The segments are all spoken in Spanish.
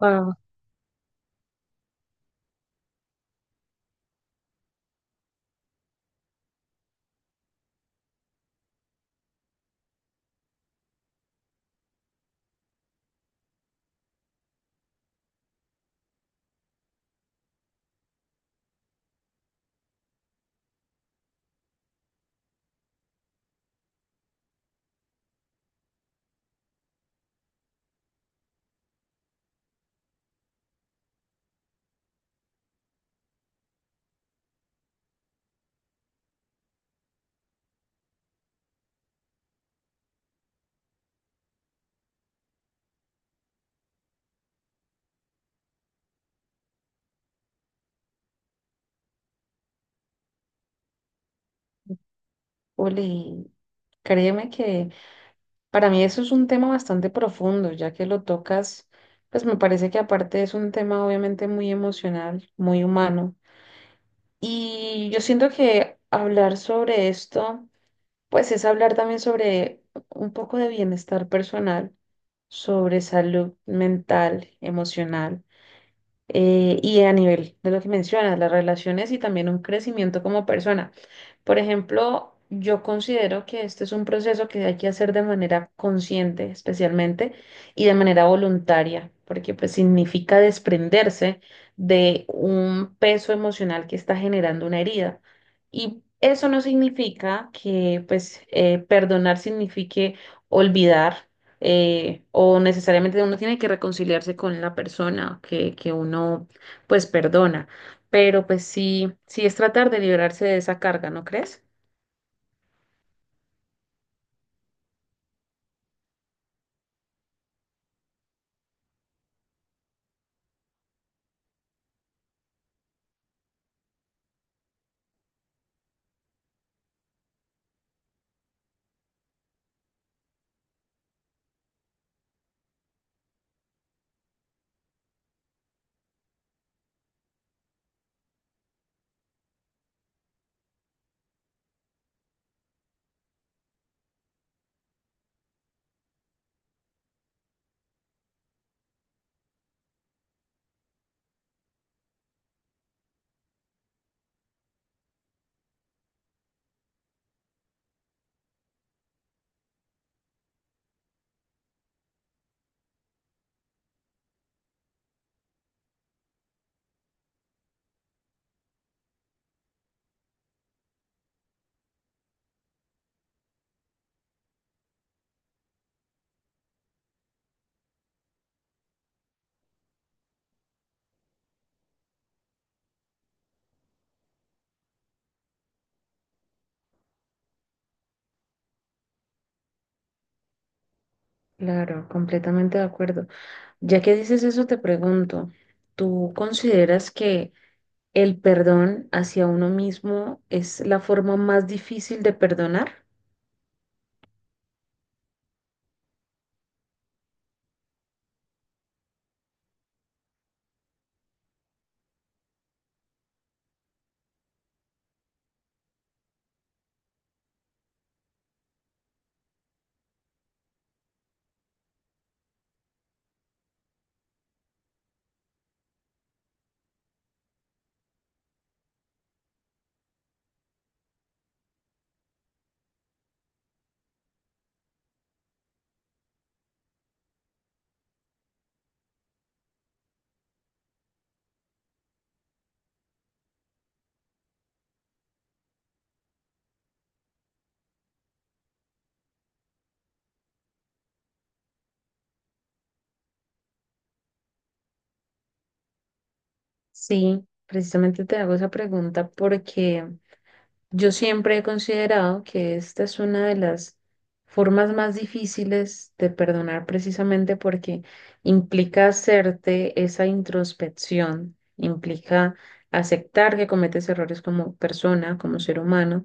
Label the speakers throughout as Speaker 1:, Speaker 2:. Speaker 1: Wow, Uli, créeme que para mí eso es un tema bastante profundo. Ya que lo tocas, pues me parece que aparte es un tema obviamente muy emocional, muy humano. Y yo siento que hablar sobre esto, pues es hablar también sobre un poco de bienestar personal, sobre salud mental, emocional. Y a nivel de lo que mencionas, las relaciones y también un crecimiento como persona. Por ejemplo, yo considero que este es un proceso que hay que hacer de manera consciente, especialmente, y de manera voluntaria, porque pues significa desprenderse de un peso emocional que está generando una herida. Y eso no significa que pues perdonar signifique olvidar o necesariamente uno tiene que reconciliarse con la persona que uno pues perdona, pero pues sí es tratar de liberarse de esa carga, ¿no crees? Claro, completamente de acuerdo. Ya que dices eso, te pregunto, ¿tú consideras que el perdón hacia uno mismo es la forma más difícil de perdonar? Sí, precisamente te hago esa pregunta porque yo siempre he considerado que esta es una de las formas más difíciles de perdonar, precisamente porque implica hacerte esa introspección, implica aceptar que cometes errores como persona, como ser humano,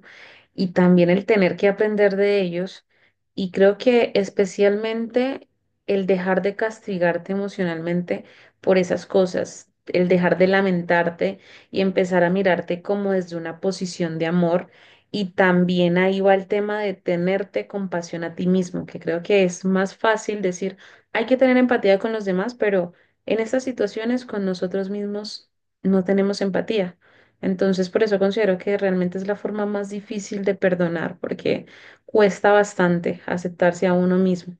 Speaker 1: y también el tener que aprender de ellos. Y creo que especialmente el dejar de castigarte emocionalmente por esas cosas, el dejar de lamentarte y empezar a mirarte como desde una posición de amor. Y también ahí va el tema de tenerte compasión a ti mismo, que creo que es más fácil decir, hay que tener empatía con los demás, pero en estas situaciones con nosotros mismos no tenemos empatía. Entonces, por eso considero que realmente es la forma más difícil de perdonar, porque cuesta bastante aceptarse a uno mismo.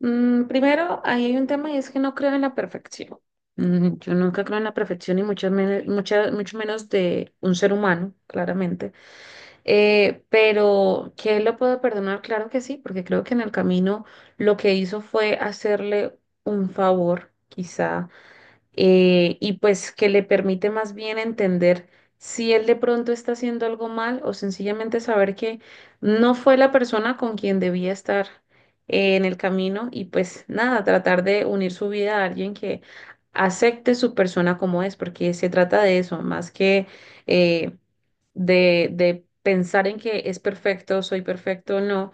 Speaker 1: Mm, primero, ahí hay un tema y es que no creo en la perfección. Mm, yo nunca creo en la perfección y mucho menos de un ser humano, claramente. Pero que él lo puedo perdonar, claro que sí, porque creo que en el camino lo que hizo fue hacerle un favor, quizá, y pues que le permite más bien entender si él de pronto está haciendo algo mal o sencillamente saber que no fue la persona con quien debía estar, en el camino y pues nada, tratar de unir su vida a alguien que acepte su persona como es, porque se trata de eso, más que eh, de pensar en que es perfecto, soy perfecto o no,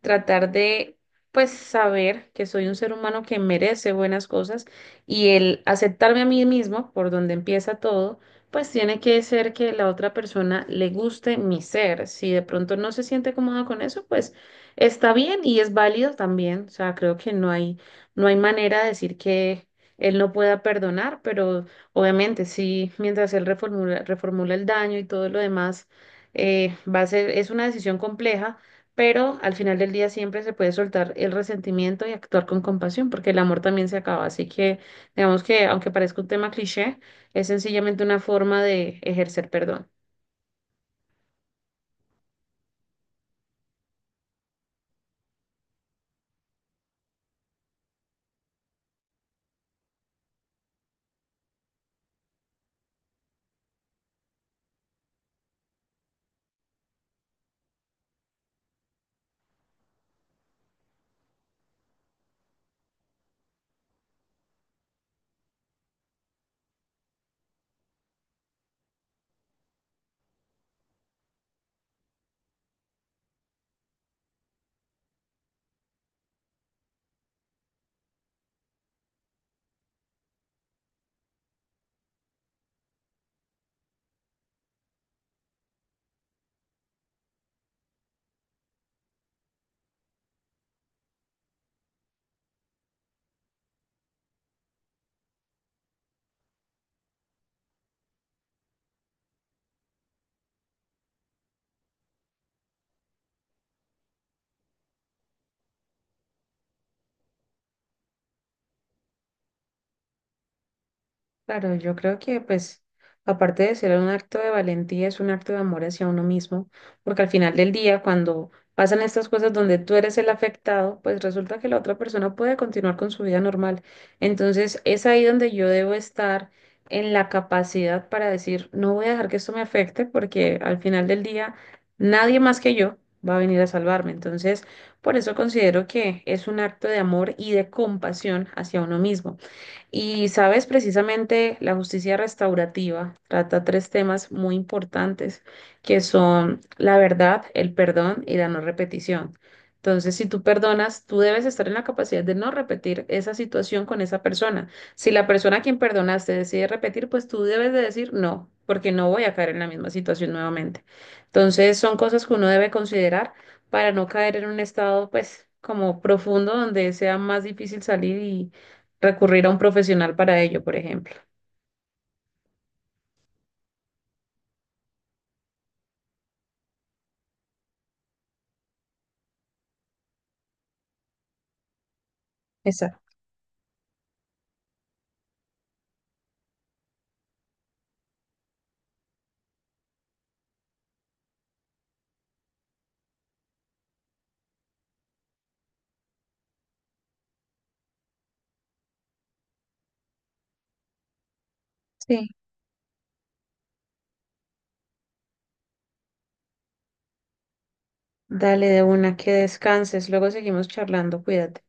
Speaker 1: tratar de, pues, saber que soy un ser humano que merece buenas cosas y el aceptarme a mí mismo, por donde empieza todo, pues tiene que ser que la otra persona le guste mi ser. Si de pronto no se siente cómoda con eso, pues está bien y es válido también. O sea, creo que no hay manera de decir que él no pueda perdonar, pero obviamente sí, mientras él reformula el daño y todo lo demás. Va a ser, es una decisión compleja, pero al final del día siempre se puede soltar el resentimiento y actuar con compasión, porque el amor también se acaba. Así que digamos que, aunque parezca un tema cliché, es sencillamente una forma de ejercer perdón. Claro, yo creo que pues aparte de ser un acto de valentía, es un acto de amor hacia uno mismo, porque al final del día, cuando pasan estas cosas donde tú eres el afectado, pues resulta que la otra persona puede continuar con su vida normal. Entonces es ahí donde yo debo estar en la capacidad para decir, no voy a dejar que esto me afecte, porque al final del día nadie más que yo va a venir a salvarme. Entonces, por eso considero que es un acto de amor y de compasión hacia uno mismo. Y sabes, precisamente la justicia restaurativa trata tres temas muy importantes, que son la verdad, el perdón y la no repetición. Entonces, si tú perdonas, tú debes estar en la capacidad de no repetir esa situación con esa persona. Si la persona a quien perdonaste decide repetir, pues tú debes de decir no, porque no voy a caer en la misma situación nuevamente. Entonces, son cosas que uno debe considerar para no caer en un estado, pues, como profundo donde sea más difícil salir y recurrir a un profesional para ello, por ejemplo. Exacto. Sí, dale de una, que descanses, luego seguimos charlando, cuídate.